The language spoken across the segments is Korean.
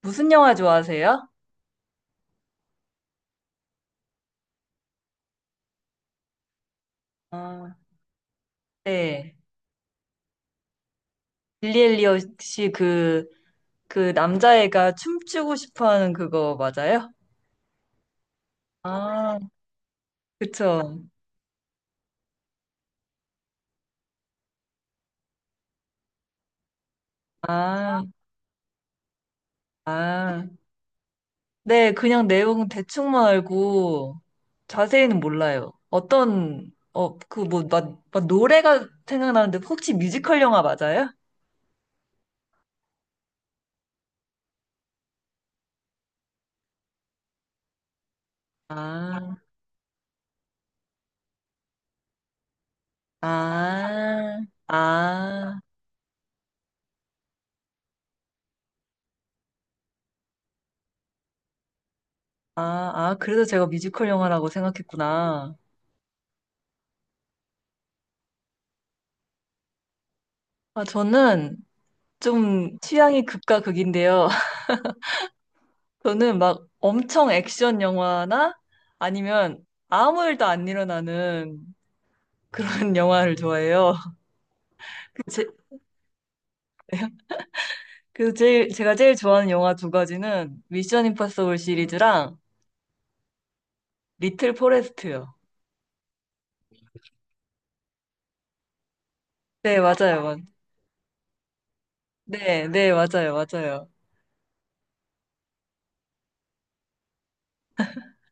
무슨 영화 좋아하세요? 아, 네. 빌리 엘리엇 씨그, 그그 남자애가 춤추고 싶어 하는 그거 맞아요? 아, 그쵸. 아, 아. 네, 그냥 내용 대충만 알고 자세히는 몰라요. 어떤, 그 뭐, 막 노래가 생각나는데 혹시 뮤지컬 영화 맞아요? 아, 아, 아, 아, 아, 그래서 제가 뮤지컬 영화라고 생각했구나. 아, 저는 좀 취향이 극과 극인데요. 저는 막 엄청 액션 영화나 아니면 아무 일도 안 일어나는 그런 영화를 좋아해요. 제, 제가 제일 좋아하는 영화 두 가지는 미션 임파서블 시리즈랑 리틀 포레스트요. 네, 맞아요. 네, 네, 맞아요. 맞아요.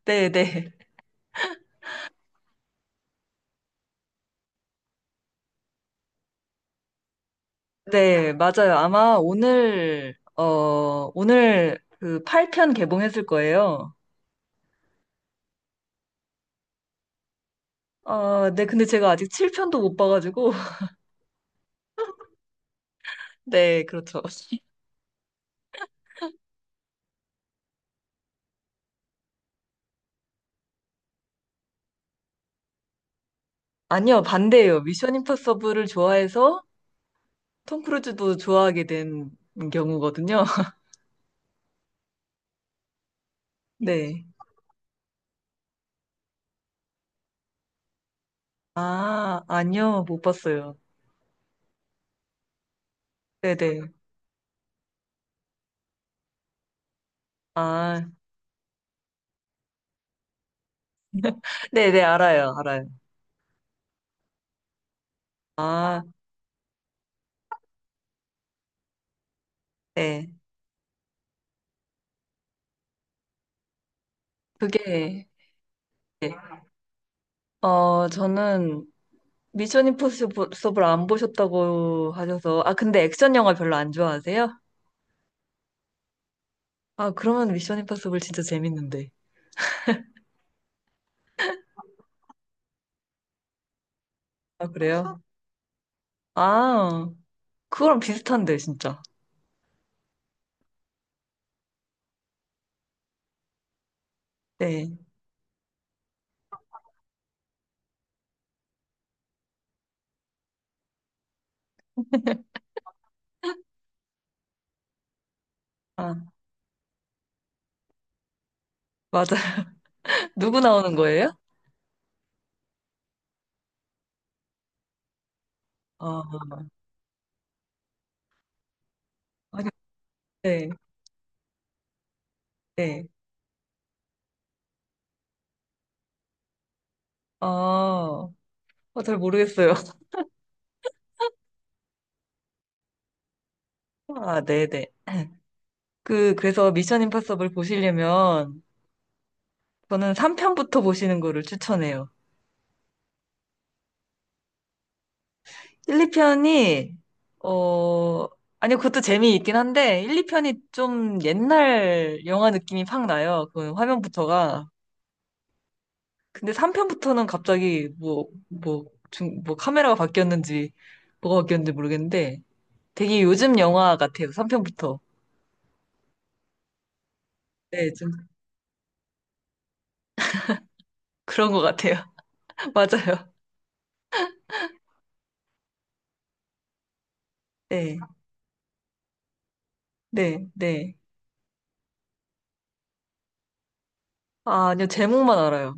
네, 네. 네, 맞아요. 아마 오늘 그 8편 개봉했을 거예요. 어, 네, 근데 제가 아직 7편도 못 봐가지고 네, 그렇죠. 아니요, 반대예요. 미션 임파서블을 좋아해서 톰 크루즈도 좋아하게 된 경우거든요. 네. 아, 아니요, 못 봤어요. 네네. 아, 네네, 알아요, 알아요. 아, 네. 그게, 네. 어, 저는 미션 임파서블 안 보셨다고 하셔서, 아, 근데 액션 영화 별로 안 좋아하세요? 아, 그러면 미션 임파서블 진짜 재밌는데. 아, 그래요? 아, 그거랑 비슷한데, 진짜. 네. 아, 맞아요. 누구 나오는 거예요? 어, 아니, 네, 네. 아, 잘 모르겠어요. 아, 네네. 그래서 미션 임파서블 보시려면 저는 3편부터 보시는 거를 추천해요. 1, 2편이, 어, 아니, 그것도 재미있긴 한데, 1, 2편이 좀 옛날 영화 느낌이 팍 나요. 그 화면부터가. 근데 3편부터는 갑자기 뭐, 뭐, 뭐 카메라가 바뀌었는지, 뭐가 바뀌었는지 모르겠는데, 되게 요즘 영화 같아요. 3편부터. 네, 좀 그런 것 같아요. 맞아요. 네, 네, 네. 아, 아니요, 제목만 알아요.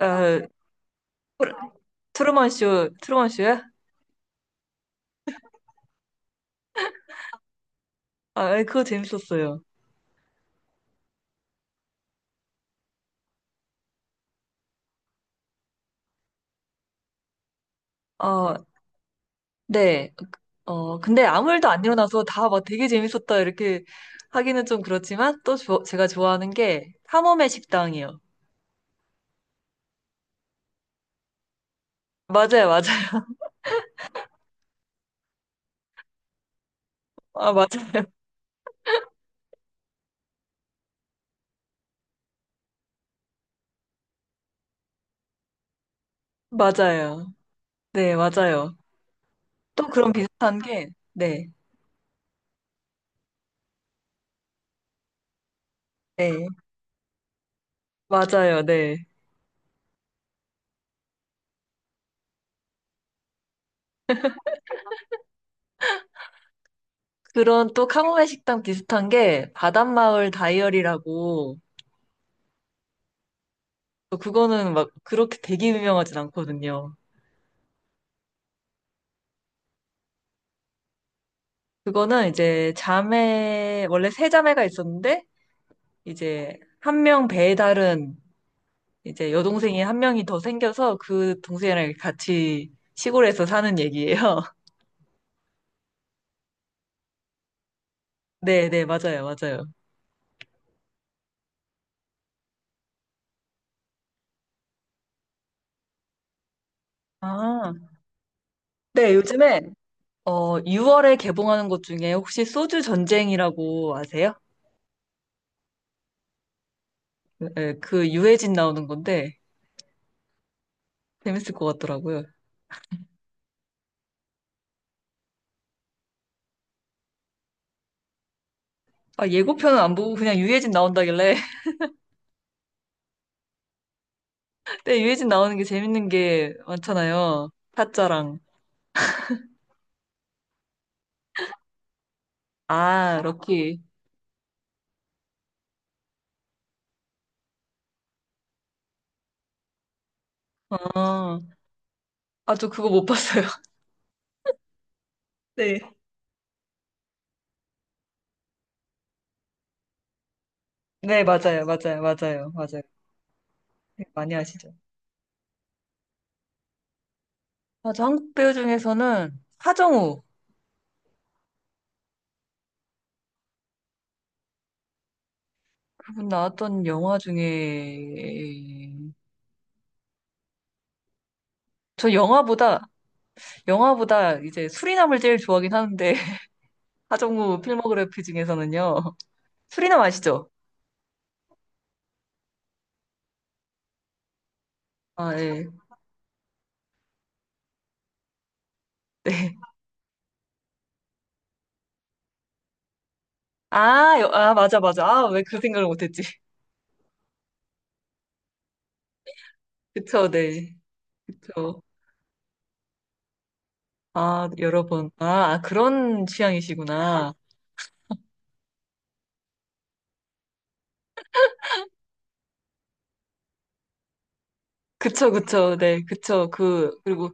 아, 트루- 트루먼 쇼, 트루먼 쇼야? 아, 네, 그거 재밌었어요. 어, 네. 어, 근데 아무 일도 안 일어나서 다 막 되게 재밌었다 이렇게 하기는 좀 그렇지만 또 제가 좋아하는 게 탐험의 식당이요. 맞아요, 맞아요. 아, 맞아요. 맞아요. 네, 맞아요. 또 그런 비슷한 게, 네, 네. 맞아요, 네. 그런 또 카모메 식당 비슷한 게 바닷마을 다이어리라고 또 그거는 막 그렇게 되게 유명하진 않거든요. 그거는 이제 자매 원래 세 자매가 있었는데 이제 한 명 배에 다른 이제 여동생이 한 명이 더 생겨서 그 동생이랑 같이 시골에서 사는 얘기예요. 네, 네, 맞아요, 맞아요. 아, 네, 요즘에 6월에 개봉하는 것 중에 혹시 소주 전쟁이라고 아세요? 네, 그 유해진 나오는 건데 재밌을 것 같더라고요. 아, 예고편은 안 보고 그냥 유해진 나온다길래. 근데 유해진 나오는 게 재밌는 게 많잖아요. 타짜랑. 아, 럭키. 어. 아, 저 그거 못 봤어요. 네. 네, 맞아요. 맞아요. 맞아요. 맞아요. 네, 많이 아시죠? 아, 저 한국 배우 중에서는 하정우. 그분 나왔던 영화 중에 저 영화보다 이제 수리남을 제일 좋아하긴 하는데 하정우 필모그래피 중에서는요. 수리남 아시죠? 아, 예. 네. 아, 아, 맞아, 맞아. 아, 왜 그 생각을 못했지? 그쵸, 네. 그쵸. 아, 여러 번. 아, 아, 그런 취향이시구나. 그쵸, 그쵸, 네, 그쵸. 그, 그리고,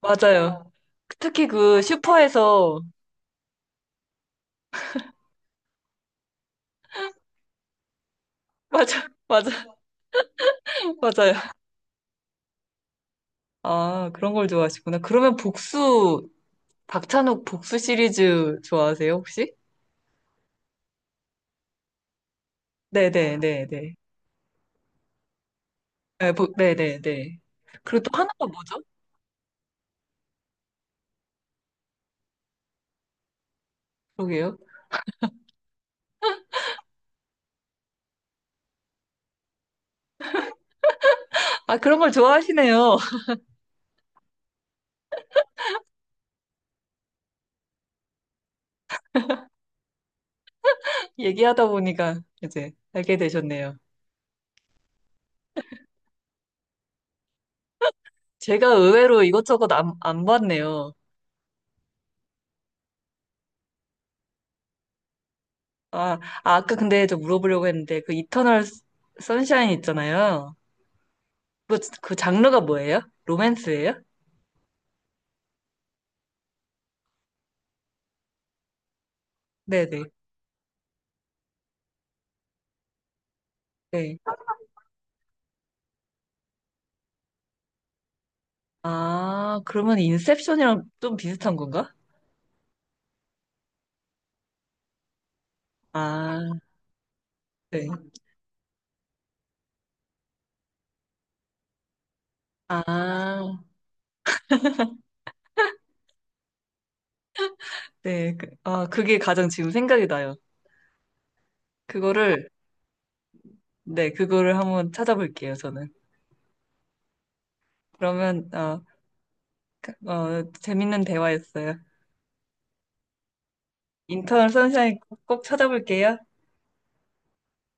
맞아요. 특히 그 슈퍼에서, 맞아, 맞아, 맞아요. 아, 그런 걸 좋아하시구나. 그러면 복수, 박찬욱 복수 시리즈 좋아하세요, 혹시? 네네네네. 네, 네, 네. 아, 복, 네네네. 그리고 또 하나가 뭐죠? 그러게요. 아, 그런 걸 좋아하시네요. 얘기하다 보니까 이제 알게 되셨네요. 제가 의외로 이것저것 안 봤네요. 아, 아, 아까 근데 저 물어보려고 했는데 그 이터널 선샤인 있잖아요. 그 장르가 뭐예요? 로맨스예요? 네네. 네. 아, 그러면 인셉션이랑 좀 비슷한 건가? 아, 네. 아, 네. 그, 아, 그게 가장 지금 생각이 나요. 그거를, 네, 그거를 한번 찾아볼게요, 저는. 그러면, 어, 그, 어, 재밌는 대화였어요. 인턴 선샤인 꼭 찾아볼게요.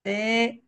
네.